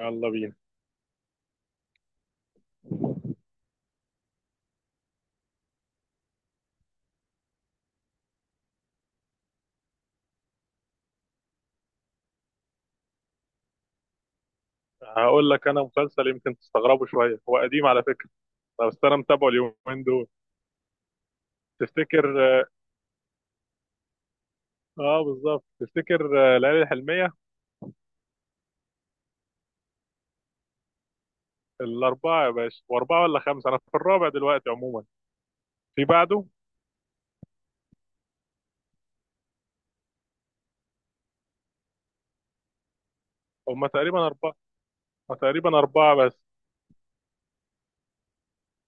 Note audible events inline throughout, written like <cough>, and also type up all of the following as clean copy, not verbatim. يلا بينا. هقول لك انا مسلسل يمكن تستغربه شويه، هو قديم على فكره، بس انا متابعه اليومين دول. تفتكر؟ اه. بالظبط تفتكر. ليالي الحلميه، الاربعه يا باشا، واربعه ولا خمسه، انا في الرابع دلوقتي. عموما في بعده. هم تقريبا اربعه. هما تقريبا اربعه بس.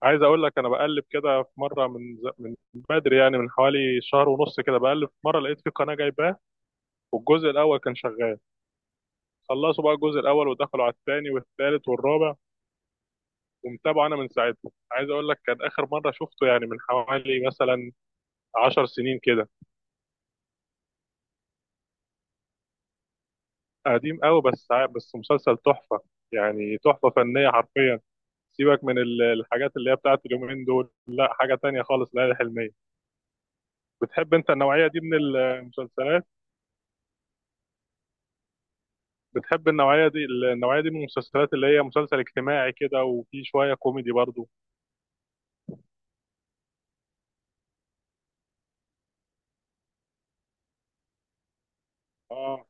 عايز اقول لك انا بقلب كده في مره من بدري يعني، من حوالي شهر ونص كده، بقلب في مره لقيت في قناه جايباه، والجزء الاول كان شغال. خلصوا بقى الجزء الاول ودخلوا على الثاني والثالث والرابع، ومتابعه انا من ساعتها. عايز اقول لك، كان اخر مره شفته يعني من حوالي مثلا 10 سنين كده، قديم قوي. بس مسلسل تحفه، يعني تحفه فنيه حرفيا. سيبك من الحاجات اللي هي بتاعت اليومين دول، لا حاجه تانية خالص ليالي الحلميه. بتحب انت النوعيه دي من المسلسلات؟ بتحب النوعيه دي؟ النوعيه دي من المسلسلات اللي هي مسلسل اجتماعي كده، وفي شويه كوميدي برضو. اه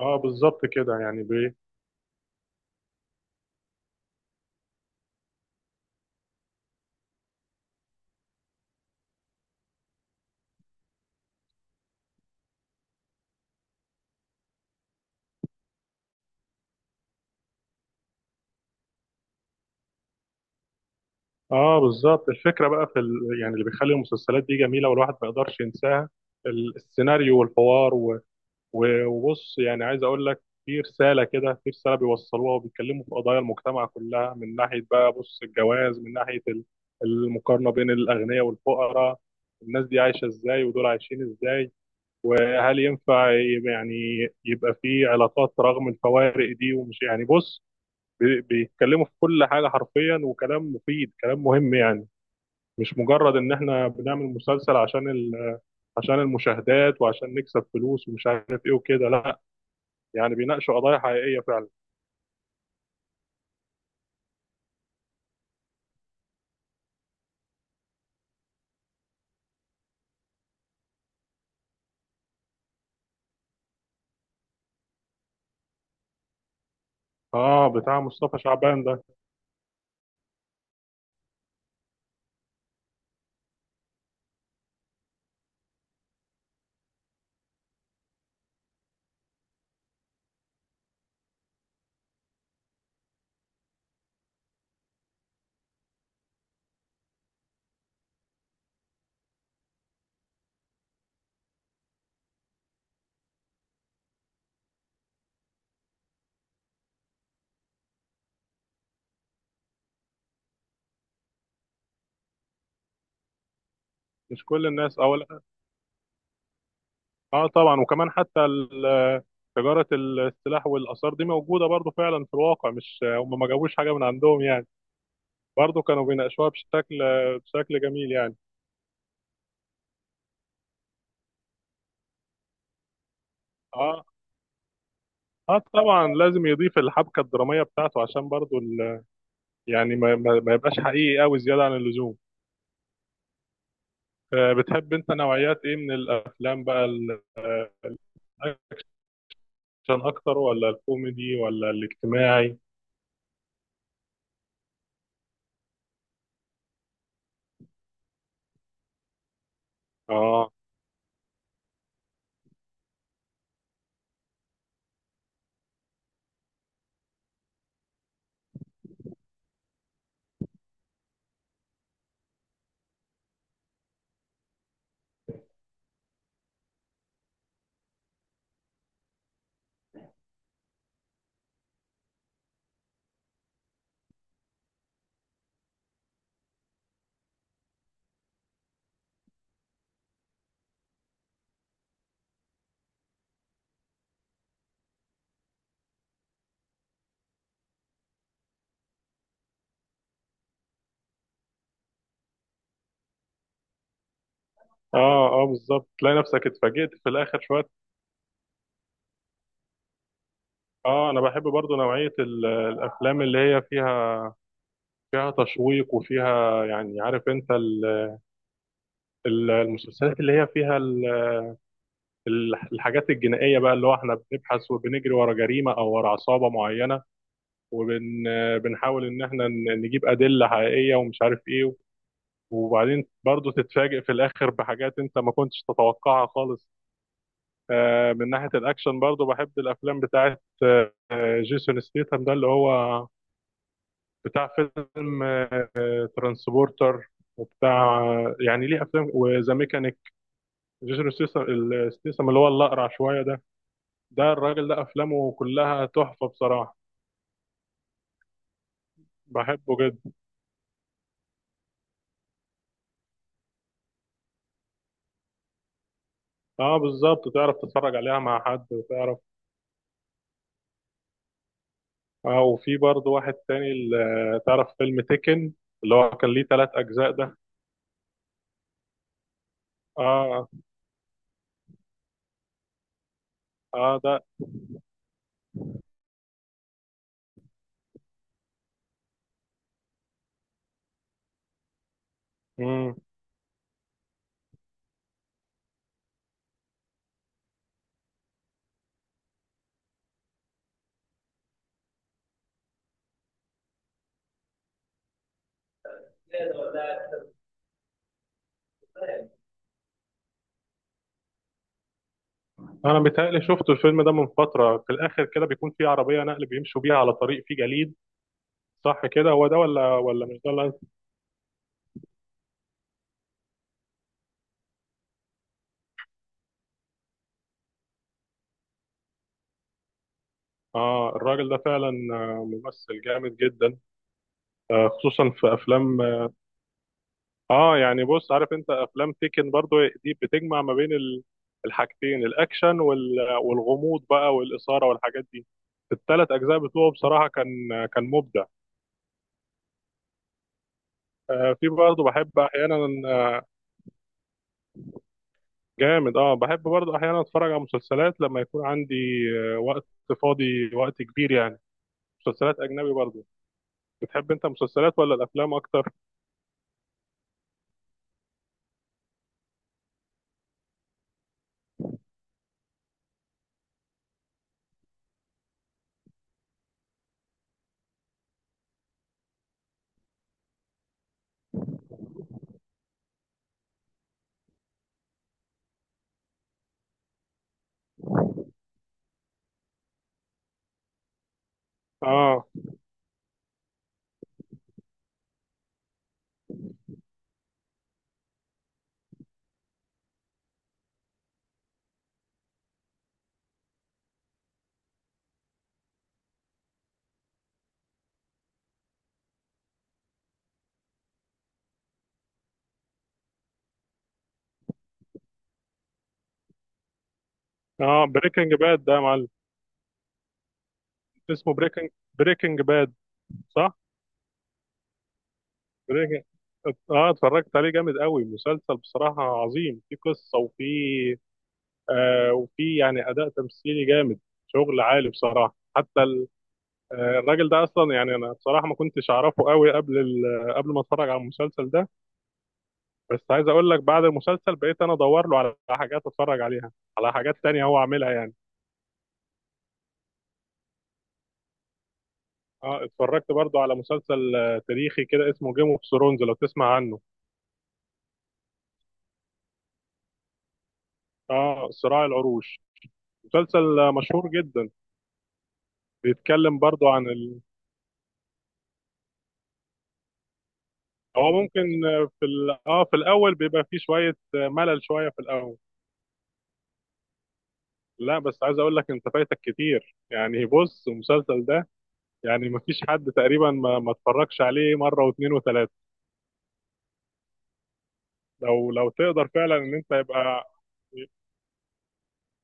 اه، بالظبط كده يعني. اه بالظبط، الفكره بقى يعني اللي بيخلي المسلسلات دي جميله والواحد ما يقدرش ينساها، السيناريو والحوار و... وبص يعني، عايز اقول لك في رساله كده، في رساله بيوصلوها، وبيتكلموا في قضايا المجتمع كلها، من ناحيه بقى، بص، الجواز، من ناحيه المقارنه بين الاغنياء والفقراء، الناس دي عايشه ازاي ودول عايشين ازاي، وهل ينفع يعني يبقى في علاقات رغم الفوارق دي، ومش يعني، بص، بيتكلموا في كل حاجه حرفيا، وكلام مفيد كلام مهم يعني، مش مجرد ان احنا بنعمل مسلسل عشان عشان المشاهدات وعشان نكسب فلوس ومش عارف ايه وكده، لا، يعني بيناقشوا قضايا حقيقية فعلا. اه، بتاع مصطفى شعبان ده. مش كل الناس اولا. اه طبعا، وكمان حتى تجارة السلاح والآثار دي موجودة برضو فعلا في الواقع، مش هم ما جابوش حاجة من عندهم يعني. برضو كانوا بيناقشوها بشكل جميل يعني. اه اه طبعا، لازم يضيف الحبكة الدرامية بتاعته، عشان برضو يعني ما يبقاش حقيقي قوي زيادة عن اللزوم. بتحب انت نوعيات ايه من الافلام بقى، الاكشن اكتر ولا الكوميدي ولا الاجتماعي؟ اه اه اه بالظبط، تلاقي نفسك اتفاجئت في الاخر شويه. اه، انا بحب برضو نوعيه الافلام اللي هي فيها تشويق، وفيها يعني، عارف انت المسلسلات اللي هي فيها الحاجات الجنائيه بقى، اللي هو احنا بنبحث وبنجري ورا جريمه او ورا عصابه معينه، وبنحاول ان احنا نجيب ادله حقيقيه ومش عارف ايه، وبعدين برضو تتفاجئ في الاخر بحاجات انت ما كنتش تتوقعها خالص. من ناحيه الاكشن برضو بحب الافلام بتاعه، جيسون ستيثم ده، اللي هو بتاع فيلم ترانسبورتر وبتاع، يعني ليه افلام وذا ميكانيك. جيسون ستيثم ستيثم اللي هو الاقرع شويه ده، ده الراجل ده افلامه كلها تحفه بصراحه، بحبه جدا. اه بالظبط، تعرف تتفرج عليها مع حد وتعرف. اه، وفي برضه واحد تاني، اللي تعرف فيلم تيكن، اللي هو كان ليه 3 اجزاء ده. اه اه ده. مم. انا بيتهيألي شفت الفيلم ده من فترة، في الاخر كده بيكون في عربية نقل بيمشوا بيها على طريق فيه جليد. صح كده، هو ده؟ ولا مش ده اللي اه الراجل ده فعلا، ممثل جامد جدا. خصوصا في افلام، اه يعني بص، عارف انت افلام تيكن برضو، دي بتجمع ما بين الحاجتين، الاكشن والغموض بقى، والاثاره والحاجات دي. الثلاث اجزاء بتوعه بصراحه كان مبدع. في برضو بحب احيانا جامد. اه بحب برضو احيانا اتفرج على مسلسلات لما يكون عندي وقت فاضي، وقت كبير يعني، مسلسلات اجنبي برضو. بتحب انت مسلسلات ولا الافلام اكتر؟ اه اه، بريكنج باد ده يا معلم. اسمه بريكنج باد. صح، بريكنج. اه اتفرجت عليه، جامد قوي مسلسل بصراحة، عظيم في قصة وفي وفي يعني أداء تمثيلي جامد، شغل عالي بصراحة. حتى الراجل ده أصلا يعني، أنا بصراحة ما كنتش أعرفه قوي قبل قبل ما أتفرج على المسلسل ده، بس عايز أقول لك بعد المسلسل بقيت أنا أدور له على حاجات أتفرج عليها، على حاجات تانية هو عاملها يعني. اه، اتفرجت برضو على مسلسل تاريخي كده، اسمه جيم اوف ثرونز، لو تسمع عنه. اه، صراع العروش، مسلسل مشهور جدا. بيتكلم برضو عن هو ممكن اه، في الاول بيبقى فيه شويه ملل، شويه في الاول. لا، بس عايز اقول لك، انت فايتك كتير يعني، بص المسلسل ده يعني مفيش حد تقريبا ما اتفرجش عليه مره واثنين وثلاثه. لو تقدر فعلا ان انت يبقى،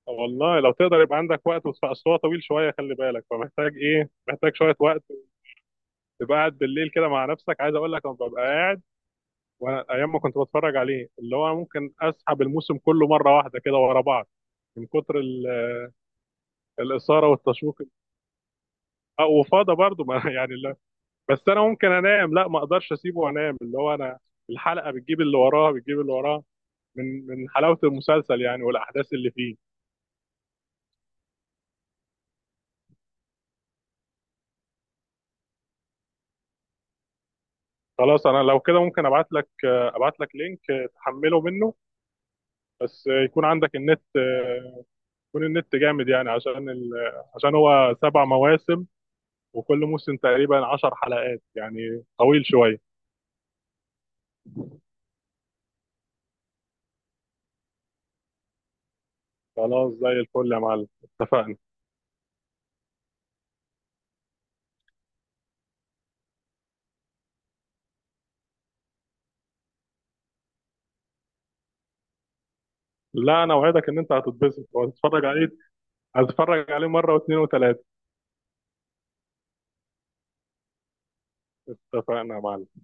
والله لو تقدر يبقى عندك وقت، بس أصل هو طويل شويه، خلي بالك، فمحتاج ايه، محتاج شويه وقت، تبقى قاعد بالليل كده مع نفسك. عايز اقول لك انا ببقى قاعد، وانا ايام ما كنت بتفرج عليه اللي هو ممكن اسحب الموسم كله مره واحده كده ورا بعض، من كتر الاثاره والتشويق. وفاضه برضو ما <laughs> يعني لا. بس انا ممكن انام، لا ما اقدرش اسيبه وانام، اللي هو انا الحلقه بتجيب اللي وراها، بتجيب اللي وراها، من حلاوه المسلسل يعني، والاحداث اللي فيه. خلاص، انا لو كده ممكن ابعت لك لينك تحمله منه، بس يكون عندك النت، يكون النت جامد يعني، عشان عشان هو 7 مواسم، وكل موسم تقريبا 10 حلقات يعني، طويل شويه. خلاص زي الفل يا معلم، اتفقنا. لا، انا اوعدك ان انت هتتبسط وهتتفرج عليه، هتفرج عليه مرة واثنين وثلاثة. اتفقنا يا معلم.